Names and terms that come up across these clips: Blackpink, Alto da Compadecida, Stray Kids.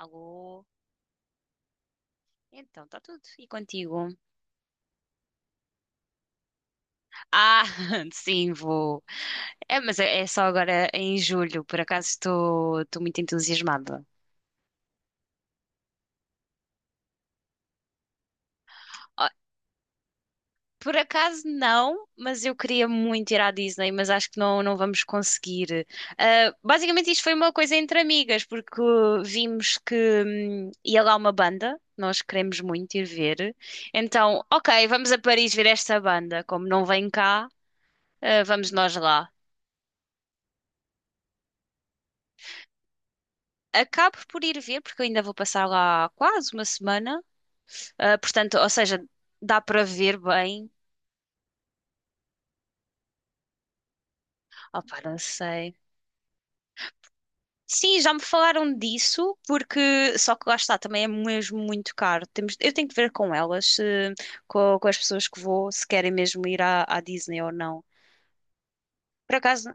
Alô? Então, está tudo. E contigo? Ah, sim, vou. É, mas é só agora em julho. Por acaso estou muito entusiasmada. Ah, por acaso não, mas eu queria muito ir à Disney, mas acho que não, não vamos conseguir. Ah, basicamente, isto foi uma coisa entre amigas, porque vimos que ia lá uma banda, nós queremos muito ir ver. Então, ok, vamos a Paris ver esta banda. Como não vem cá, vamos nós lá. Acabo por ir ver, porque eu ainda vou passar lá quase uma semana. Ah, portanto, ou seja, dá para ver bem. Opa, não sei. Sim, já me falaram disso, porque só que lá está, também é mesmo muito caro. Temos, eu tenho que ver com elas, com as pessoas que vou, se querem mesmo ir à, à Disney ou não. Por acaso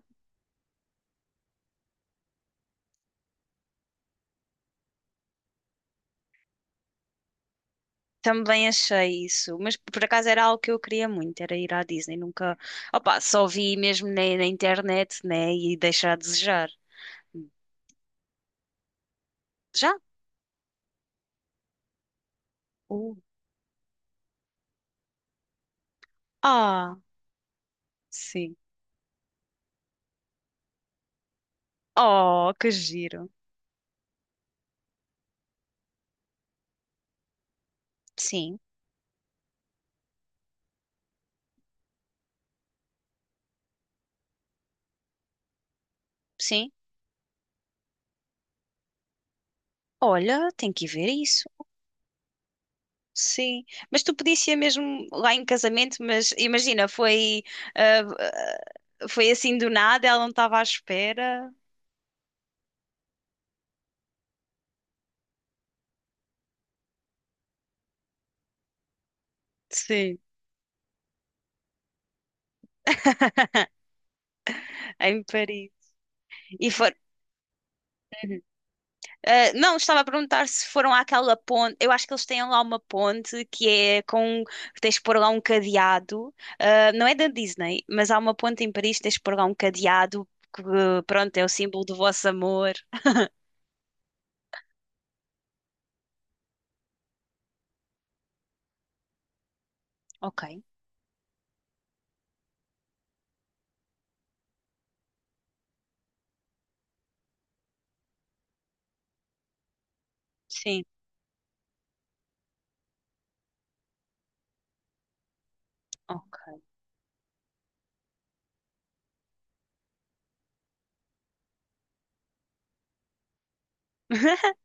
também achei isso, mas por acaso era algo que eu queria muito, era ir à Disney. Nunca, opa, só vi mesmo na, na internet, né? E deixar a desejar. Já? Uh. Ah. Sim. Oh, que giro. Sim, sim. Olha, tem que ir ver isso. Sim. Mas tu podias ir mesmo lá em casamento, mas imagina, foi, ah, foi assim do nada, ela não estava à espera. Sim. Em Paris. E for... Uhum. Não, estava a perguntar se foram àquela ponte. Eu acho que eles têm lá uma ponte que é com. Tens de pôr lá um cadeado. Não é da Disney, mas há uma ponte em Paris, tens de pôr lá um cadeado que, pronto, é o símbolo do vosso amor. Ok, sim. Ok.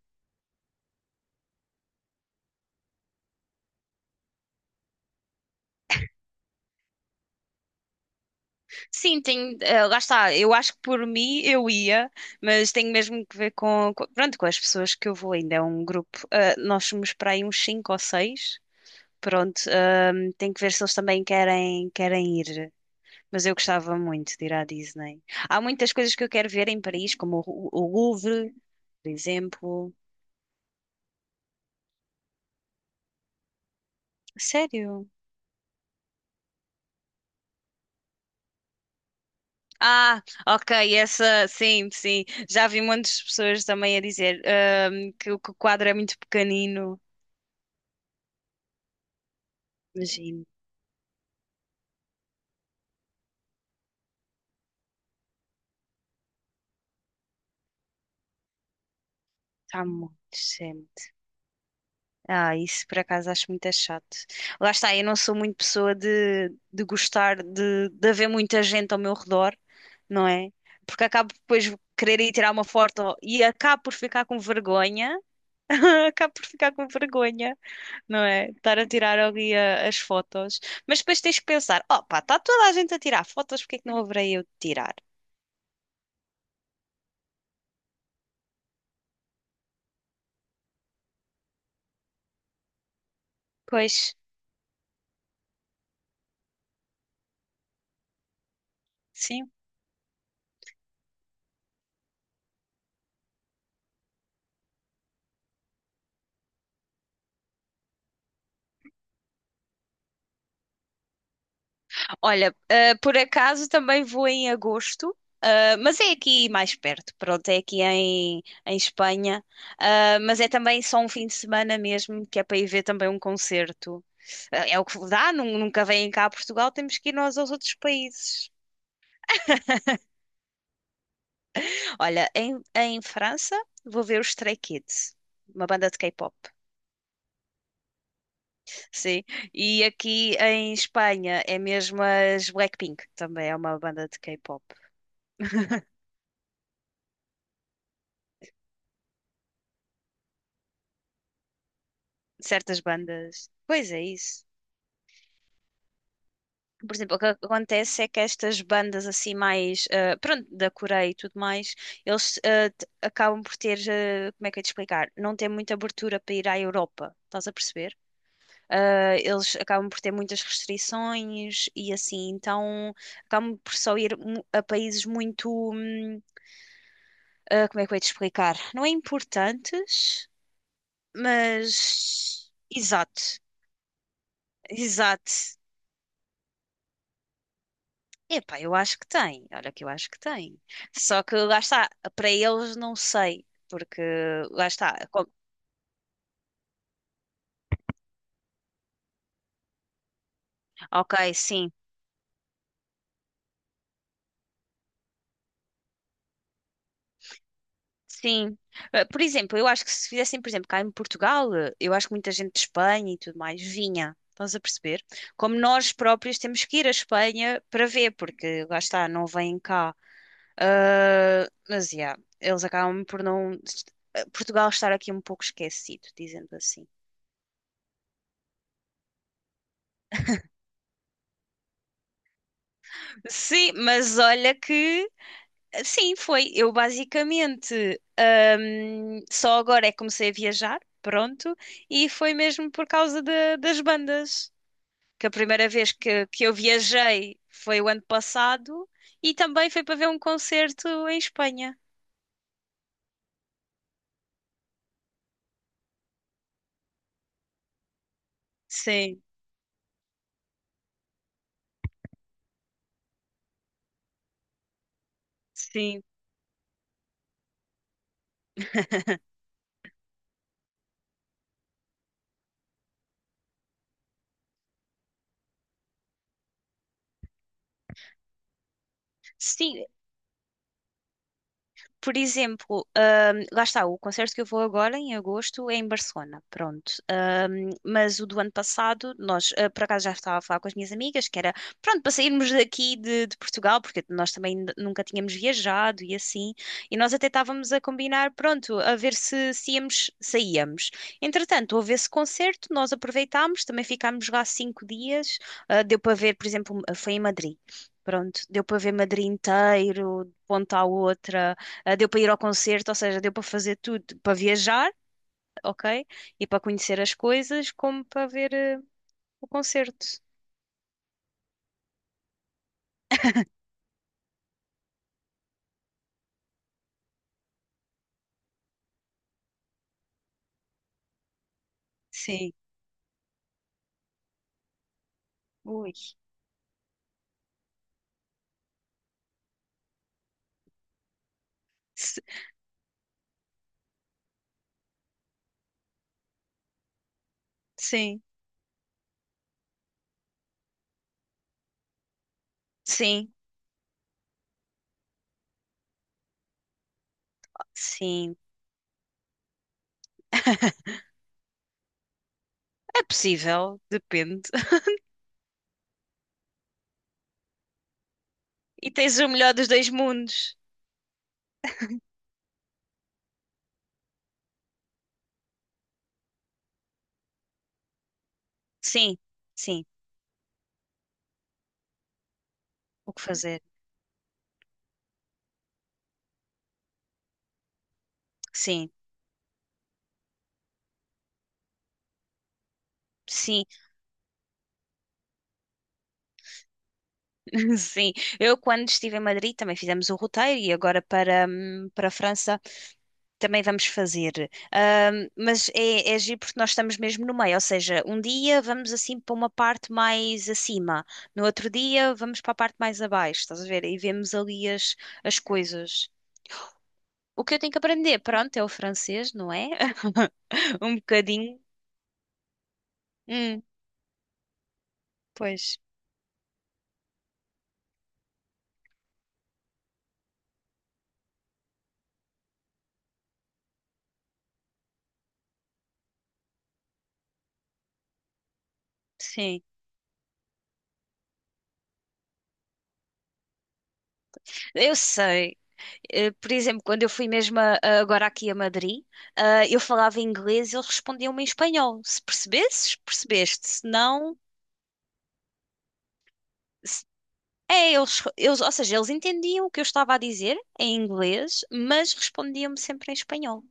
Sim, tem, lá está. Eu acho que por mim eu ia, mas tenho mesmo que ver com, pronto, com as pessoas que eu vou. Ainda é um grupo. Nós somos para aí uns cinco ou seis. Pronto, tem que ver se eles também querem, querem ir. Mas eu gostava muito de ir à Disney. Há muitas coisas que eu quero ver em Paris, como o Louvre, por exemplo. Sério? Ah, ok, essa, sim, sim. Já vi muitas pessoas também a dizer, que, o quadro é muito pequenino. Imagino, está muito gente. Ah, isso por acaso acho muito é chato. Lá está, eu não sou muito pessoa de gostar de haver muita gente ao meu redor, não é? Porque acabo depois de querer ir tirar uma foto e acabo por ficar com vergonha. Acabo por ficar com vergonha, não é? Estar a tirar ali as fotos. Mas depois tens que pensar: oh pá, está toda a gente a tirar fotos, porque é que não haverei eu de tirar? Pois, sim. Olha, por acaso também vou em agosto, ah, mas é aqui mais perto, pronto, é aqui em, em Espanha. Ah, mas é também só um fim de semana mesmo, que é para ir ver também um concerto. Ah, é o que dá, nunca vêm cá a Portugal, temos que ir nós aos outros países. Olha, em, em França vou ver os Stray Kids, uma banda de K-pop, sim. E aqui em Espanha é mesmo as Blackpink, também é uma banda de K-pop. Certas bandas. Pois é isso. Por exemplo, o que acontece é que estas bandas assim mais, pronto, da Coreia e tudo mais, eles acabam por ter, eh, como é que eu ia te explicar? Não tem muita abertura para ir à Europa, estás a perceber? Ah, eles acabam por ter muitas restrições e assim, então acabam por só a países muito, ah, como é que eu ia te explicar? Não é importantes, mas exato, exato. Epá, eu acho que tem, olha que eu acho que tem. Só que lá está, para eles não sei, porque lá está, ok, sim. Sim. Por exemplo, eu acho que se fizessem, por exemplo, cá em Portugal, eu acho que muita gente de Espanha e tudo mais vinha. Estás a perceber? Como nós próprios temos que ir à Espanha para ver, porque lá está, não vêm cá. Ah, mas, yeah, eles acabam por não. Portugal estar aqui um pouco esquecido, dizendo assim. Sim, mas olha que. Sim, foi. Eu basicamente só agora é que comecei a viajar, pronto, e foi mesmo por causa das bandas. Que a primeira vez que eu viajei foi o ano passado e também foi para ver um concerto em Espanha. Sim, sim. Sim, por exemplo, lá está, o concerto que eu vou agora em agosto é em Barcelona, pronto. Mas o do ano passado, nós, ah, por acaso já estava a falar com as minhas amigas, que era, pronto, para sairmos daqui de Portugal, porque nós também nunca tínhamos viajado e assim, e nós até estávamos a combinar, pronto, a ver se, se íamos, saíamos. Entretanto, houve esse concerto, nós aproveitámos, também ficámos lá 5 dias, ah, deu para ver, por exemplo, foi em Madrid. Pronto, deu para ver Madrid inteiro, de ponta à outra. Ah, deu para ir ao concerto, ou seja, deu para fazer tudo, para viajar, ok? E para conhecer as coisas, como para ver o concerto. Sim. Ui. S- Sim. Sim. Sim. É possível, depende. E tens o melhor dos dois mundos. Sim, sim. O que fazer? Sim, sim, sim. Eu, quando estive em Madrid, também fizemos o roteiro e agora para, para a França. Também vamos fazer. Mas é, é agir porque nós estamos mesmo no meio, ou seja, um dia vamos assim para uma parte mais acima, no outro dia vamos para a parte mais abaixo, estás a ver? E vemos ali as, as coisas. O que eu tenho que aprender, pronto, é o francês, não é? Um bocadinho. Hum, pois, sim. Eu sei. Por exemplo, quando eu fui mesmo agora aqui a Madrid, ah, eu falava inglês e eles respondiam-me em espanhol. Se percebesses, percebeste. Se não. É, eles, ou seja, eles entendiam o que eu estava a dizer em inglês, mas respondiam-me sempre em espanhol.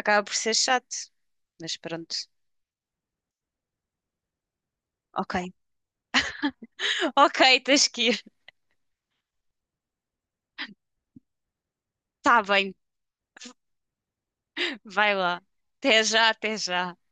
Acaba por ser chato, mas pronto. Ok. Ok, tens que ir. Tá bem, vai lá. Até já, até já.